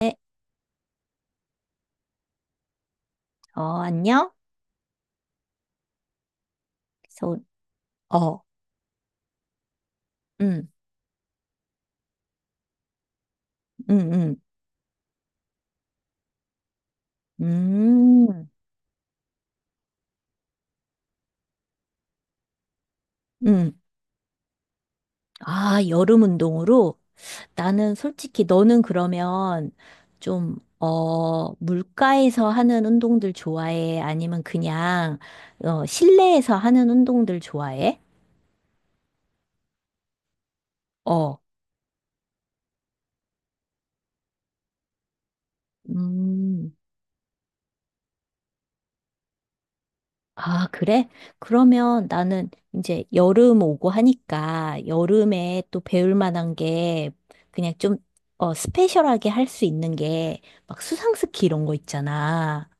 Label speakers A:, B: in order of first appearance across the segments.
A: 네, 안녕? 그래서, 어, 음. 음. 음. 음. 음. 아, 여름 운동으로? 나는 솔직히 너는 그러면 좀, 물가에서 하는 운동들 좋아해? 아니면 그냥, 실내에서 하는 운동들 좋아해? 어, 음. 아, 그래? 그러면 나는 이제 여름 오고 하니까 여름에 또 배울 만한 게 그냥 좀 스페셜하게 할 수 있는 게 막 수상스키 이런 거 있잖아.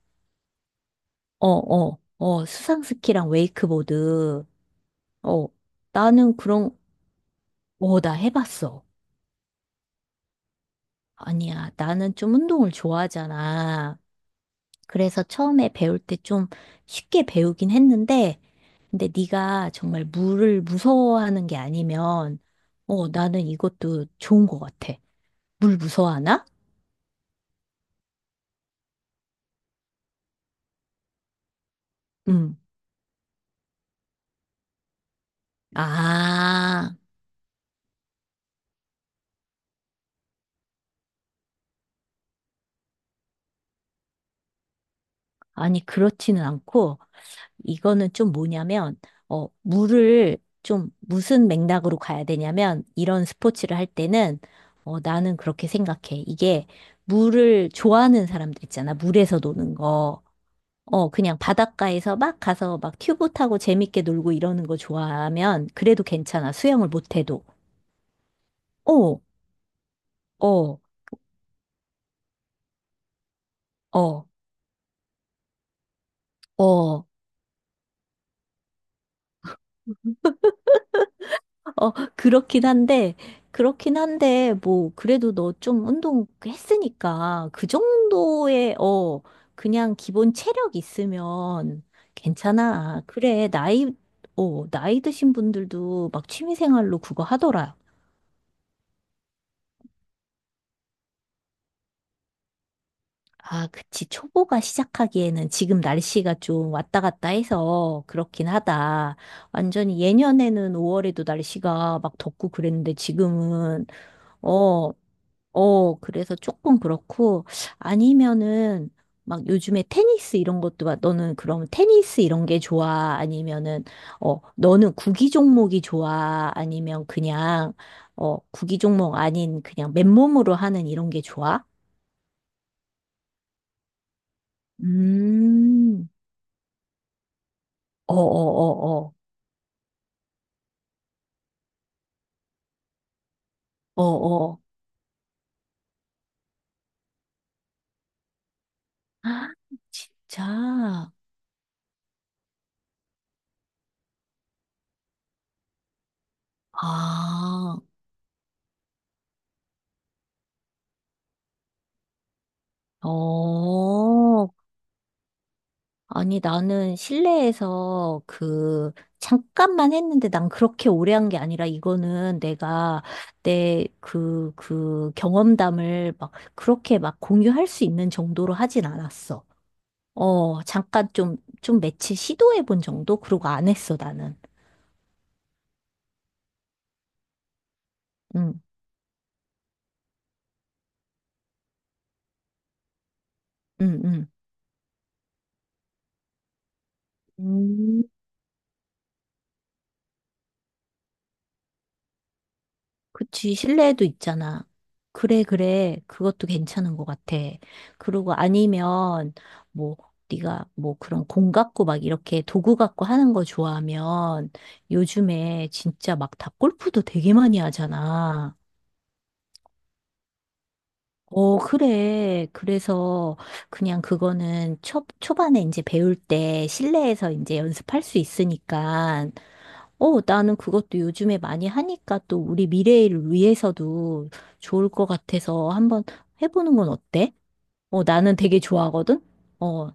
A: 수상스키랑 웨이크보드. 어, 나는 그런, 나 해봤어. 아니야, 나는 좀 운동을 좋아하잖아. 그래서 처음에 배울 때 좀 쉽게 배우긴 했는데 근데 네가 정말 물을 무서워하는 게 아니면, 나는 이것도 좋은 것 같아. 물 무서워하나? 음. 아, 아니, 그렇지는 않고, 이거는 좀 뭐냐면, 물을 좀 무슨 맥락으로 가야 되냐면, 이런 스포츠를 할 때는, 나는 그렇게 생각해. 이게 물을 좋아하는 사람들 있잖아. 물에서 노는 거. 그냥 바닷가에서 막 가서 막 튜브 타고 재밌게 놀고 이러는 거 좋아하면 그래도 괜찮아. 수영을 못해도. 어, 어, 어, 어, 어, 그렇긴 한데, 뭐, 그래도 너 좀 운동 했으니까 그 정도의, 그냥 기본 체력 있으면 괜찮아. 그래, 나이 드신 분들도 막 취미생활로 그거 하더라. 아, 그치. 초보가 시작하기에는 지금 날씨가 좀 왔다 갔다 해서 그렇긴 하다. 완전히 예년에는 5월에도 날씨가 막 덥고 그랬는데 지금은, 어, 어, 그래서 조금 그렇고, 아니면은, 막 요즘에 테니스 이런 것도, 막 너는 그럼 테니스 이런 게 좋아? 아니면은, 너는 구기 종목이 좋아? 아니면 그냥, 구기 종목 아닌 그냥 맨몸으로 하는 이런 게 좋아? 음. 어어어어, 어어. 아, 진짜? 아, 어. 아니, 나는 실내에서 그, 잠깐만 했는데 난 그렇게 오래 한 게 아니라 이거는 내가 내 그 경험담을 막 그렇게 막 공유할 수 있는 정도로 하진 않았어. 잠깐 좀 며칠 시도해 본 정도? 그러고 안 했어, 나는. 응, 응, 응. 그치, 실내에도 있잖아. 그래, 그래. 그것도 괜찮은 것 같아. 그리고 아니면, 뭐, 네가 뭐 그런 공 갖고 막 이렇게 도구 갖고 하는 거 좋아하면 요즘에 진짜 막 다 골프도 되게 많이 하잖아. 그래. 그래서 그냥 그거는 초반에 이제 배울 때 실내에서 이제 연습할 수 있으니까 나는 그것도 요즘에 많이 하니까 또 우리 미래를 위해서도 좋을 것 같아서 한번 해보는 건 어때? 나는 되게 좋아하거든? 어,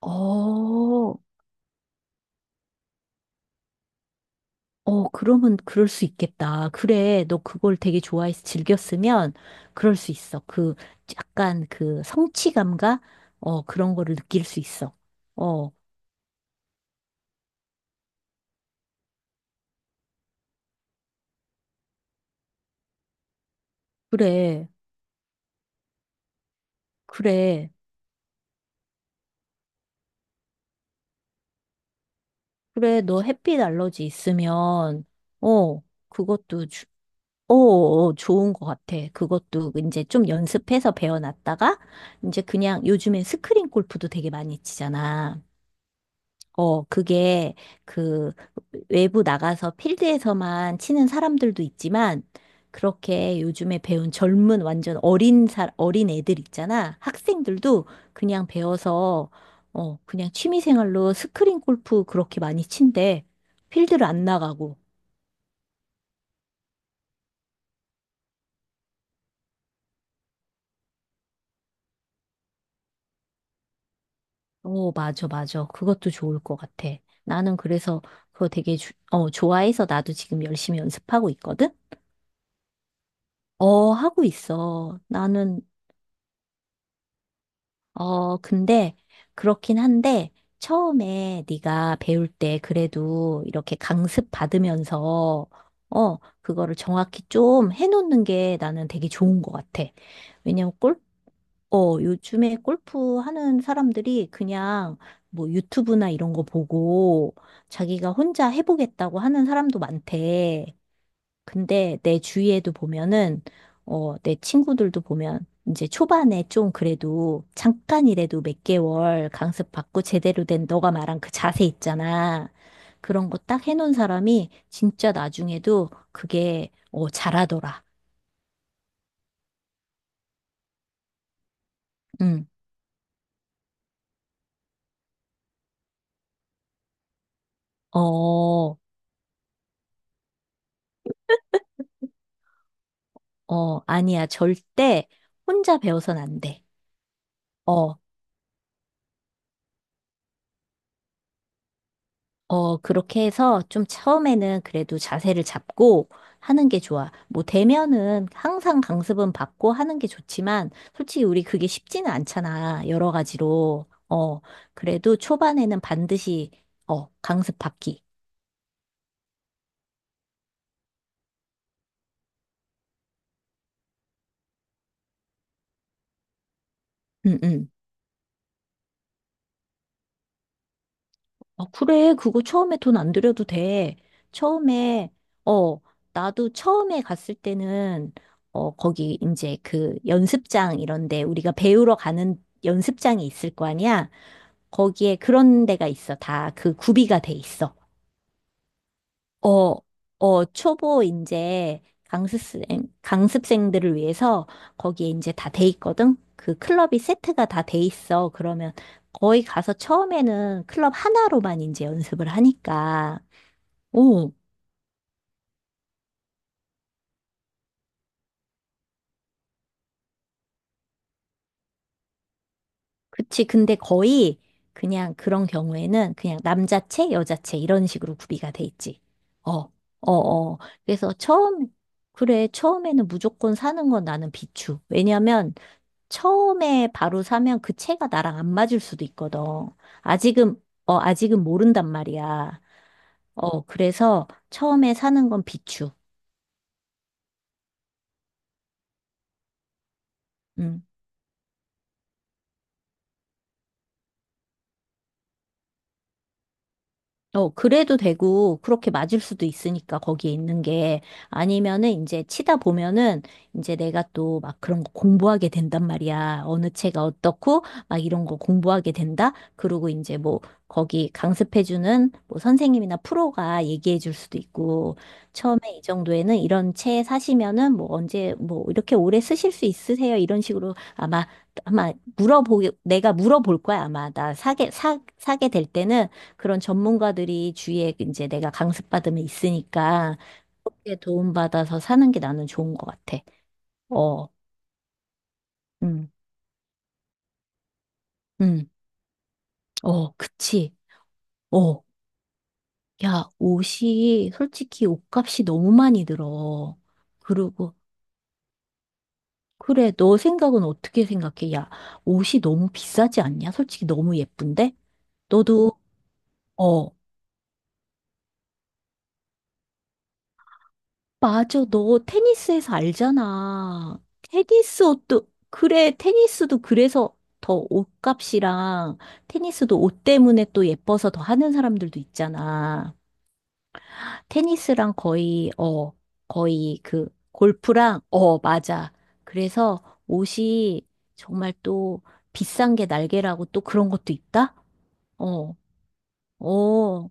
A: 어, 어, 그러면 그럴 수 있겠다. 그래, 너 그걸 되게 좋아해서 즐겼으면 그럴 수 있어. 그 약간 그 성취감과 그런 거를 느낄 수 있어. 어, 그래, 그래, 그래, 너 햇빛 알러지 있으면 어, 그것도 오, 좋은 것 같아. 그것도 이제 좀 연습해서 배워놨다가, 이제 그냥 요즘엔 스크린 골프도 되게 많이 치잖아. 그게 그 외부 나가서 필드에서만 치는 사람들도 있지만, 그렇게 요즘에 배운 젊은 완전 어린 어린 애들 있잖아. 학생들도 그냥 배워서, 그냥 취미생활로 스크린 골프 그렇게 많이 친대. 필드를 안 나가고. 오, 맞아, 맞아. 그것도 좋을 것 같아. 나는 그래서 그거 되게 좋아해서 나도 지금 열심히 연습하고 있거든? 어, 하고 있어. 나는, 근데 그렇긴 한데 처음에 네가 배울 때 그래도 이렇게 강습 받으면서 그거를 정확히 좀 해놓는 게 나는 되게 좋은 것 같아. 왜냐면 요즘에 골프 하는 사람들이 그냥 뭐 유튜브나 이런 거 보고 자기가 혼자 해보겠다고 하는 사람도 많대. 근데 내 주위에도 보면은, 내 친구들도 보면 이제 초반에 좀 그래도 잠깐이라도 몇 개월 강습 받고 제대로 된 너가 말한 그 자세 있잖아. 그런 거 딱 해놓은 사람이 진짜 나중에도 그게, 잘하더라. 응. 어, 어, 아니야. 절대 혼자 배워선 안 돼. 어, 어, 그렇게 해서 좀 처음에는 그래도 자세를 잡고 하는 게 좋아. 뭐 대면은 항상 강습은 받고 하는 게 좋지만 솔직히 우리 그게 쉽지는 않잖아. 여러 가지로. 그래도 초반에는 반드시 강습 받기. 응, 응. 아, 그래. 그거 처음에 돈 안 들여도 돼. 처음에, 어, 나도 처음에 갔을 때는, 거기 이제 그 연습장 이런데 우리가 배우러 가는 연습장이 있을 거 아니야? 거기에 그런 데가 있어. 다 그 구비가 돼 있어. 어, 어, 초보 이제 강습생, 강습생들을 위해서 거기에 이제 다 돼 있거든? 그 클럽이 세트가 다 돼 있어. 그러면 거기 가서 처음에는 클럽 하나로만 이제 연습을 하니까. 오, 그치. 근데 거의 그냥 그런 경우에는 그냥 남자체, 여자체 이런 식으로 구비가 돼 있지. 어, 어, 어. 그래서 그래. 처음에는 무조건 사는 건 나는 비추. 왜냐면 처음에 바로 사면 그 채가 나랑 안 맞을 수도 있거든. 아직은, 아직은 모른단 말이야. 그래서 처음에 사는 건 비추. 음. 그래도 되고, 그렇게 맞을 수도 있으니까, 거기에 있는 게. 아니면은, 이제 치다 보면은, 이제 내가 또 막 그런 거 공부하게 된단 말이야. 어느 채가 어떻고, 막 이런 거 공부하게 된다? 그러고 이제 뭐, 거기 강습해주는 뭐 선생님이나 프로가 얘기해 줄 수도 있고, 처음에 이 정도에는 이런 채 사시면은 뭐 언제, 뭐 이렇게 오래 쓰실 수 있으세요? 이런 식으로 내가 물어볼 거야. 아마 사게 될 때는. 그런 전문가들이 주위에 이제 내가 강습받으면 있으니까 그렇게 도움받아서 사는 게 나는 좋은 것 같아. 어, 음, 음, 어, 그치. 어, 야, 옷이 솔직히 옷값이 너무 많이 들어. 그리고 그래, 너 생각은 어떻게 생각해? 야, 옷이 너무 비싸지 않냐? 솔직히 너무 예쁜데? 너도 어, 맞아, 너 테니스에서 알잖아. 테니스 옷도, 그래, 테니스도 그래서 더 옷값이랑 테니스도 옷 때문에 또 예뻐서 더 하는 사람들도 있잖아. 테니스랑 거의 그 골프랑, 어, 맞아. 그래서 옷이 정말 또 비싼 게 날개라고 또 그런 것도 있다? 어, 어,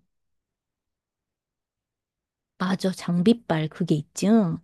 A: 맞아. 장비빨 그게 있지. 응?